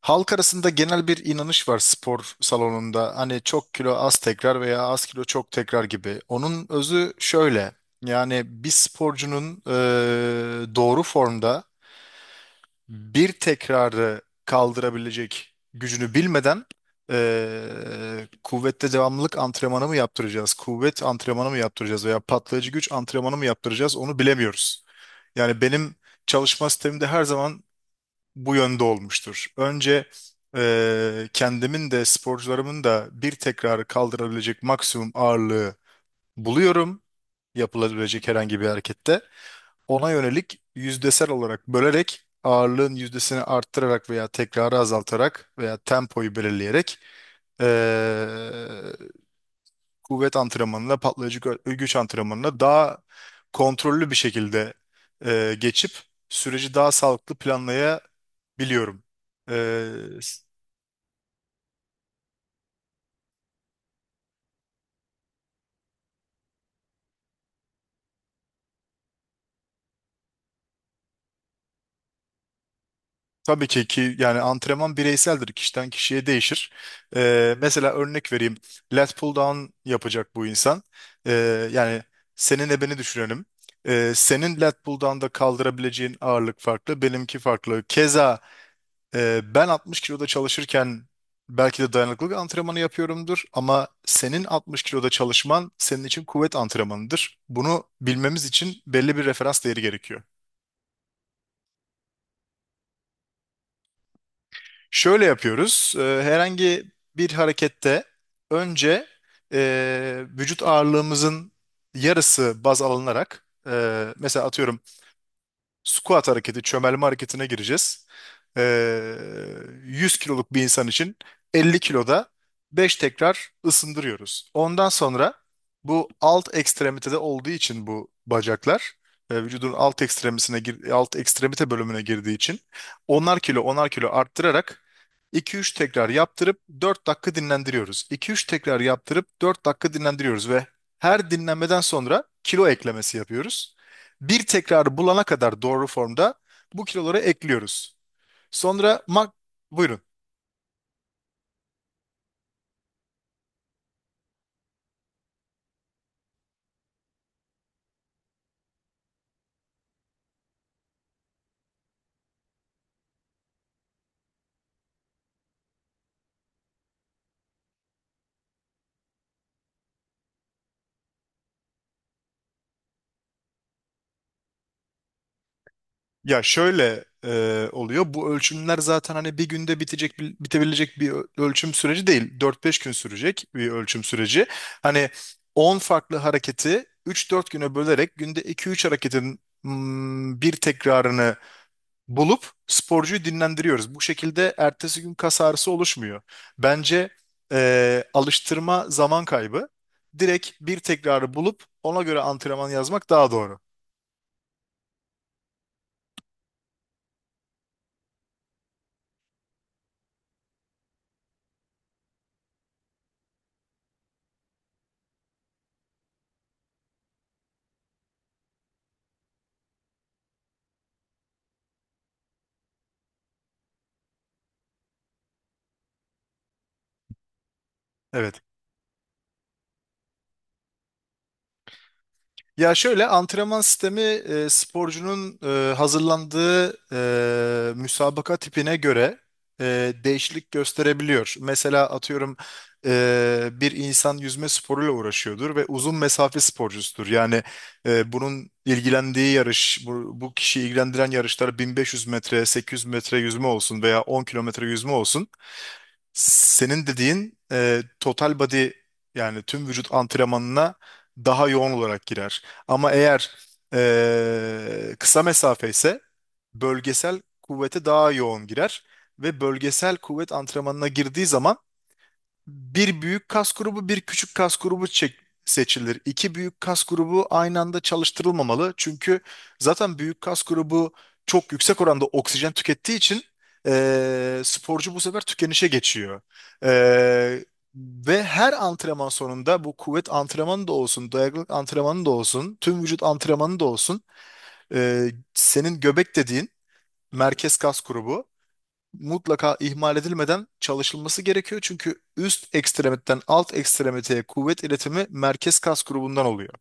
Halk arasında genel bir inanış var spor salonunda. Hani çok kilo az tekrar veya az kilo çok tekrar gibi. Onun özü şöyle. Yani bir sporcunun doğru formda bir tekrarı kaldırabilecek gücünü bilmeden, kuvvette devamlılık antrenmanı mı yaptıracağız, kuvvet antrenmanı mı yaptıracağız veya patlayıcı güç antrenmanı mı yaptıracağız onu bilemiyoruz. Yani benim çalışma sistemimde her zaman bu yönde olmuştur. Önce kendimin de sporcularımın da bir tekrarı kaldırabilecek maksimum ağırlığı buluyorum, yapılabilecek herhangi bir harekette. Ona yönelik yüzdesel olarak bölerek ağırlığın yüzdesini arttırarak veya tekrarı azaltarak veya tempoyu belirleyerek eee, kuvvet antrenmanına, patlayıcı güç antrenmanına daha kontrollü bir şekilde geçip süreci daha sağlıklı planlayabiliyoruz biliyorum. Ee, s- tabii ki yani antrenman bireyseldir. Kişiden kişiye değişir. Mesela örnek vereyim. Lat pull down yapacak bu insan. Yani seninle beni düşünelim. Senin lat pull down'da kaldırabileceğin ağırlık farklı, benimki farklı. Keza ben 60 kiloda çalışırken belki de dayanıklılık antrenmanı yapıyorumdur ama senin 60 kiloda çalışman senin için kuvvet antrenmanıdır. Bunu bilmemiz için belli bir referans değeri gerekiyor. Şöyle yapıyoruz. Herhangi bir harekette önce vücut ağırlığımızın yarısı baz alınarak, mesela atıyorum Squat hareketi, çömelme hareketine gireceğiz. Ee, 100 kiloluk bir insan için 50 kiloda 5 tekrar ısındırıyoruz. Ondan sonra, bu alt ekstremitede olduğu için, bu bacaklar vücudun alt ekstremisine alt ekstremite bölümüne girdiği için onar kilo onar kilo arttırarak 2-3 tekrar yaptırıp 4 dakika dinlendiriyoruz. 2-3 tekrar yaptırıp 4 dakika dinlendiriyoruz ve her dinlenmeden sonra kilo eklemesi yapıyoruz, bir tekrarı bulana kadar doğru formda bu kiloları ekliyoruz. Sonra mak buyurun. Ya şöyle oluyor. Bu ölçümler zaten hani bir günde bitebilecek bir ölçüm süreci değil. Dört beş gün sürecek bir ölçüm süreci. Hani 10 farklı hareketi üç dört güne bölerek günde iki üç hareketin, bir tekrarını bulup sporcuyu dinlendiriyoruz. Bu şekilde ertesi gün kas ağrısı oluşmuyor. Bence alıştırma zaman kaybı. Direkt bir tekrarı bulup ona göre antrenman yazmak daha doğru. Evet. Ya şöyle, antrenman sistemi sporcunun hazırlandığı müsabaka tipine göre değişiklik gösterebiliyor. Mesela atıyorum, bir insan yüzme sporuyla uğraşıyordur ve uzun mesafe sporcusudur. Yani bunun ilgilendiği yarış, bu kişiyi ilgilendiren yarışlar 1500 metre, 800 metre yüzme olsun veya 10 kilometre yüzme olsun. Senin dediğin total body, yani tüm vücut antrenmanına daha yoğun olarak girer. Ama eğer kısa mesafe ise bölgesel kuvvete daha yoğun girer ve bölgesel kuvvet antrenmanına girdiği zaman bir büyük kas grubu, bir küçük kas grubu seçilir. İki büyük kas grubu aynı anda çalıştırılmamalı. Çünkü zaten büyük kas grubu çok yüksek oranda oksijen tükettiği için sporcu bu sefer tükenişe geçiyor. Eee, Ve her antrenman sonunda, bu kuvvet antrenmanı da olsun, dayanıklılık antrenmanı da olsun, tüm vücut antrenmanı da olsun, senin göbek dediğin merkez kas grubu mutlaka ihmal edilmeden çalışılması gerekiyor. Çünkü üst ekstremitten alt ekstremiteye kuvvet iletimi merkez kas grubundan oluyor.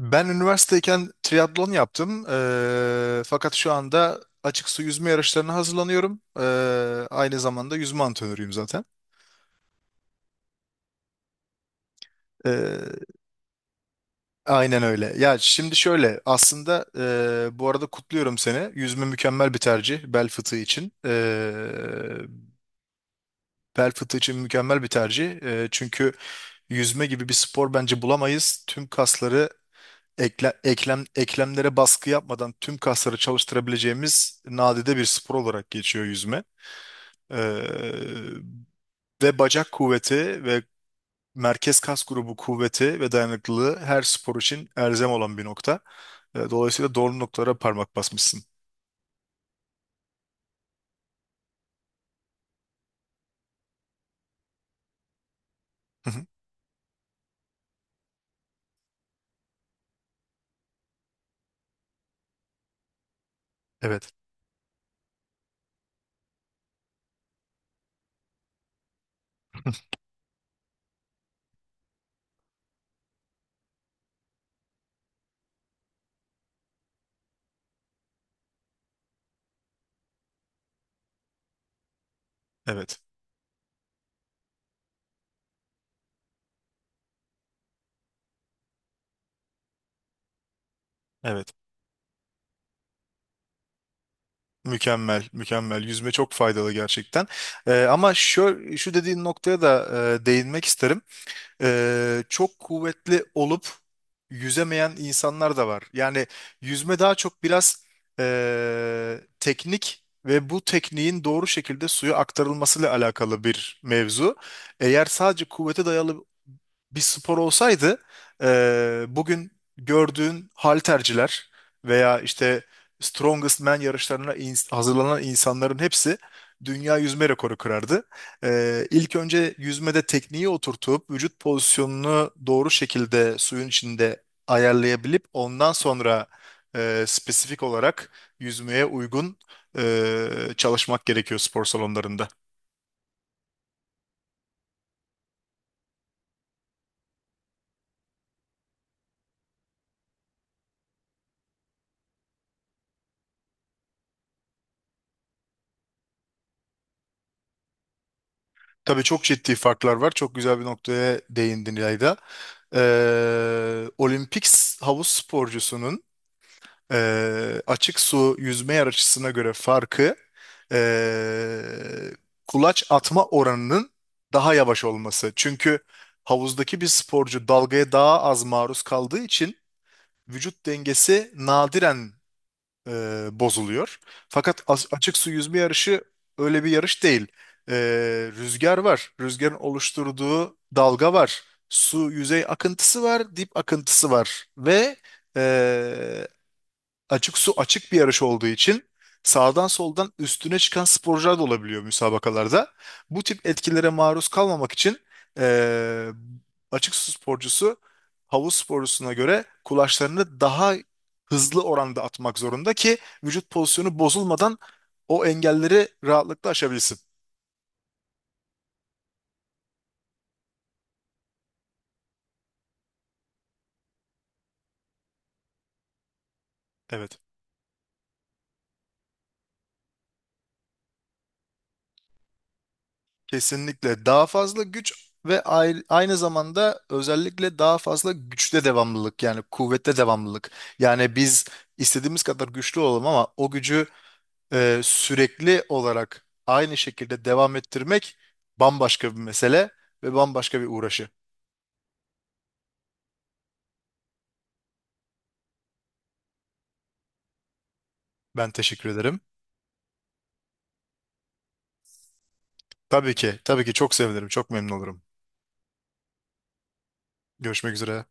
Ben üniversiteyken triatlon yaptım. Fakat şu anda açık su yüzme yarışlarına hazırlanıyorum. Aynı zamanda yüzme antrenörüyüm zaten. Eee, aynen öyle. Ya şimdi şöyle, aslında bu arada kutluyorum seni. Yüzme mükemmel bir tercih bel fıtığı için. Bel fıtığı için mükemmel bir tercih. Çünkü yüzme gibi bir spor bence bulamayız. Tüm kasları eklemlere baskı yapmadan tüm kasları çalıştırabileceğimiz nadide bir spor olarak geçiyor yüzme. Ee, Ve bacak kuvveti ve merkez kas grubu kuvveti ve dayanıklılığı her spor için elzem olan bir nokta. Dolayısıyla doğru noktalara parmak basmışsın. Hı hı. Evet. Evet. Evet. Mükemmel, mükemmel. Yüzme çok faydalı gerçekten. Ama şu, şu dediğin noktaya da değinmek isterim. Çok kuvvetli olup yüzemeyen insanlar da var. Yani yüzme daha çok biraz teknik ve bu tekniğin doğru şekilde suya aktarılmasıyla alakalı bir mevzu. Eğer sadece kuvvete dayalı bir spor olsaydı bugün gördüğün halterciler veya işte Strongest Man yarışlarına hazırlanan insanların hepsi dünya yüzme rekoru kırardı. İlk önce yüzmede tekniği oturtup vücut pozisyonunu doğru şekilde suyun içinde ayarlayabilip ondan sonra spesifik olarak yüzmeye uygun e, çalışmak gerekiyor spor salonlarında. Tabii çok ciddi farklar var. Çok güzel bir noktaya değindin İlayda. Olimpik havuz sporcusunun açık su yüzme yarışısına göre farkı, ee, kulaç atma oranının daha yavaş olması. Çünkü havuzdaki bir sporcu dalgaya daha az maruz kaldığı için vücut dengesi nadiren e, bozuluyor. Fakat açık su yüzme yarışı öyle bir yarış değil. E, Rüzgar var. Rüzgarın oluşturduğu dalga var. Su yüzey akıntısı var, dip akıntısı var ve e, açık su açık bir yarış olduğu için sağdan soldan üstüne çıkan sporcular da olabiliyor müsabakalarda. Bu tip etkilere maruz kalmamak için eee, açık su sporcusu havuz sporcusuna göre kulaçlarını daha hızlı oranda atmak zorunda ki vücut pozisyonu bozulmadan o engelleri rahatlıkla aşabilsin. Evet. Kesinlikle daha fazla güç ve aynı zamanda özellikle daha fazla güçte devamlılık, yani kuvvette devamlılık. Yani biz istediğimiz kadar güçlü olalım ama o gücü sürekli olarak aynı şekilde devam ettirmek bambaşka bir mesele ve bambaşka bir uğraşı. Ben teşekkür ederim. Tabii ki, tabii ki çok sevinirim, çok memnun olurum. Görüşmek üzere.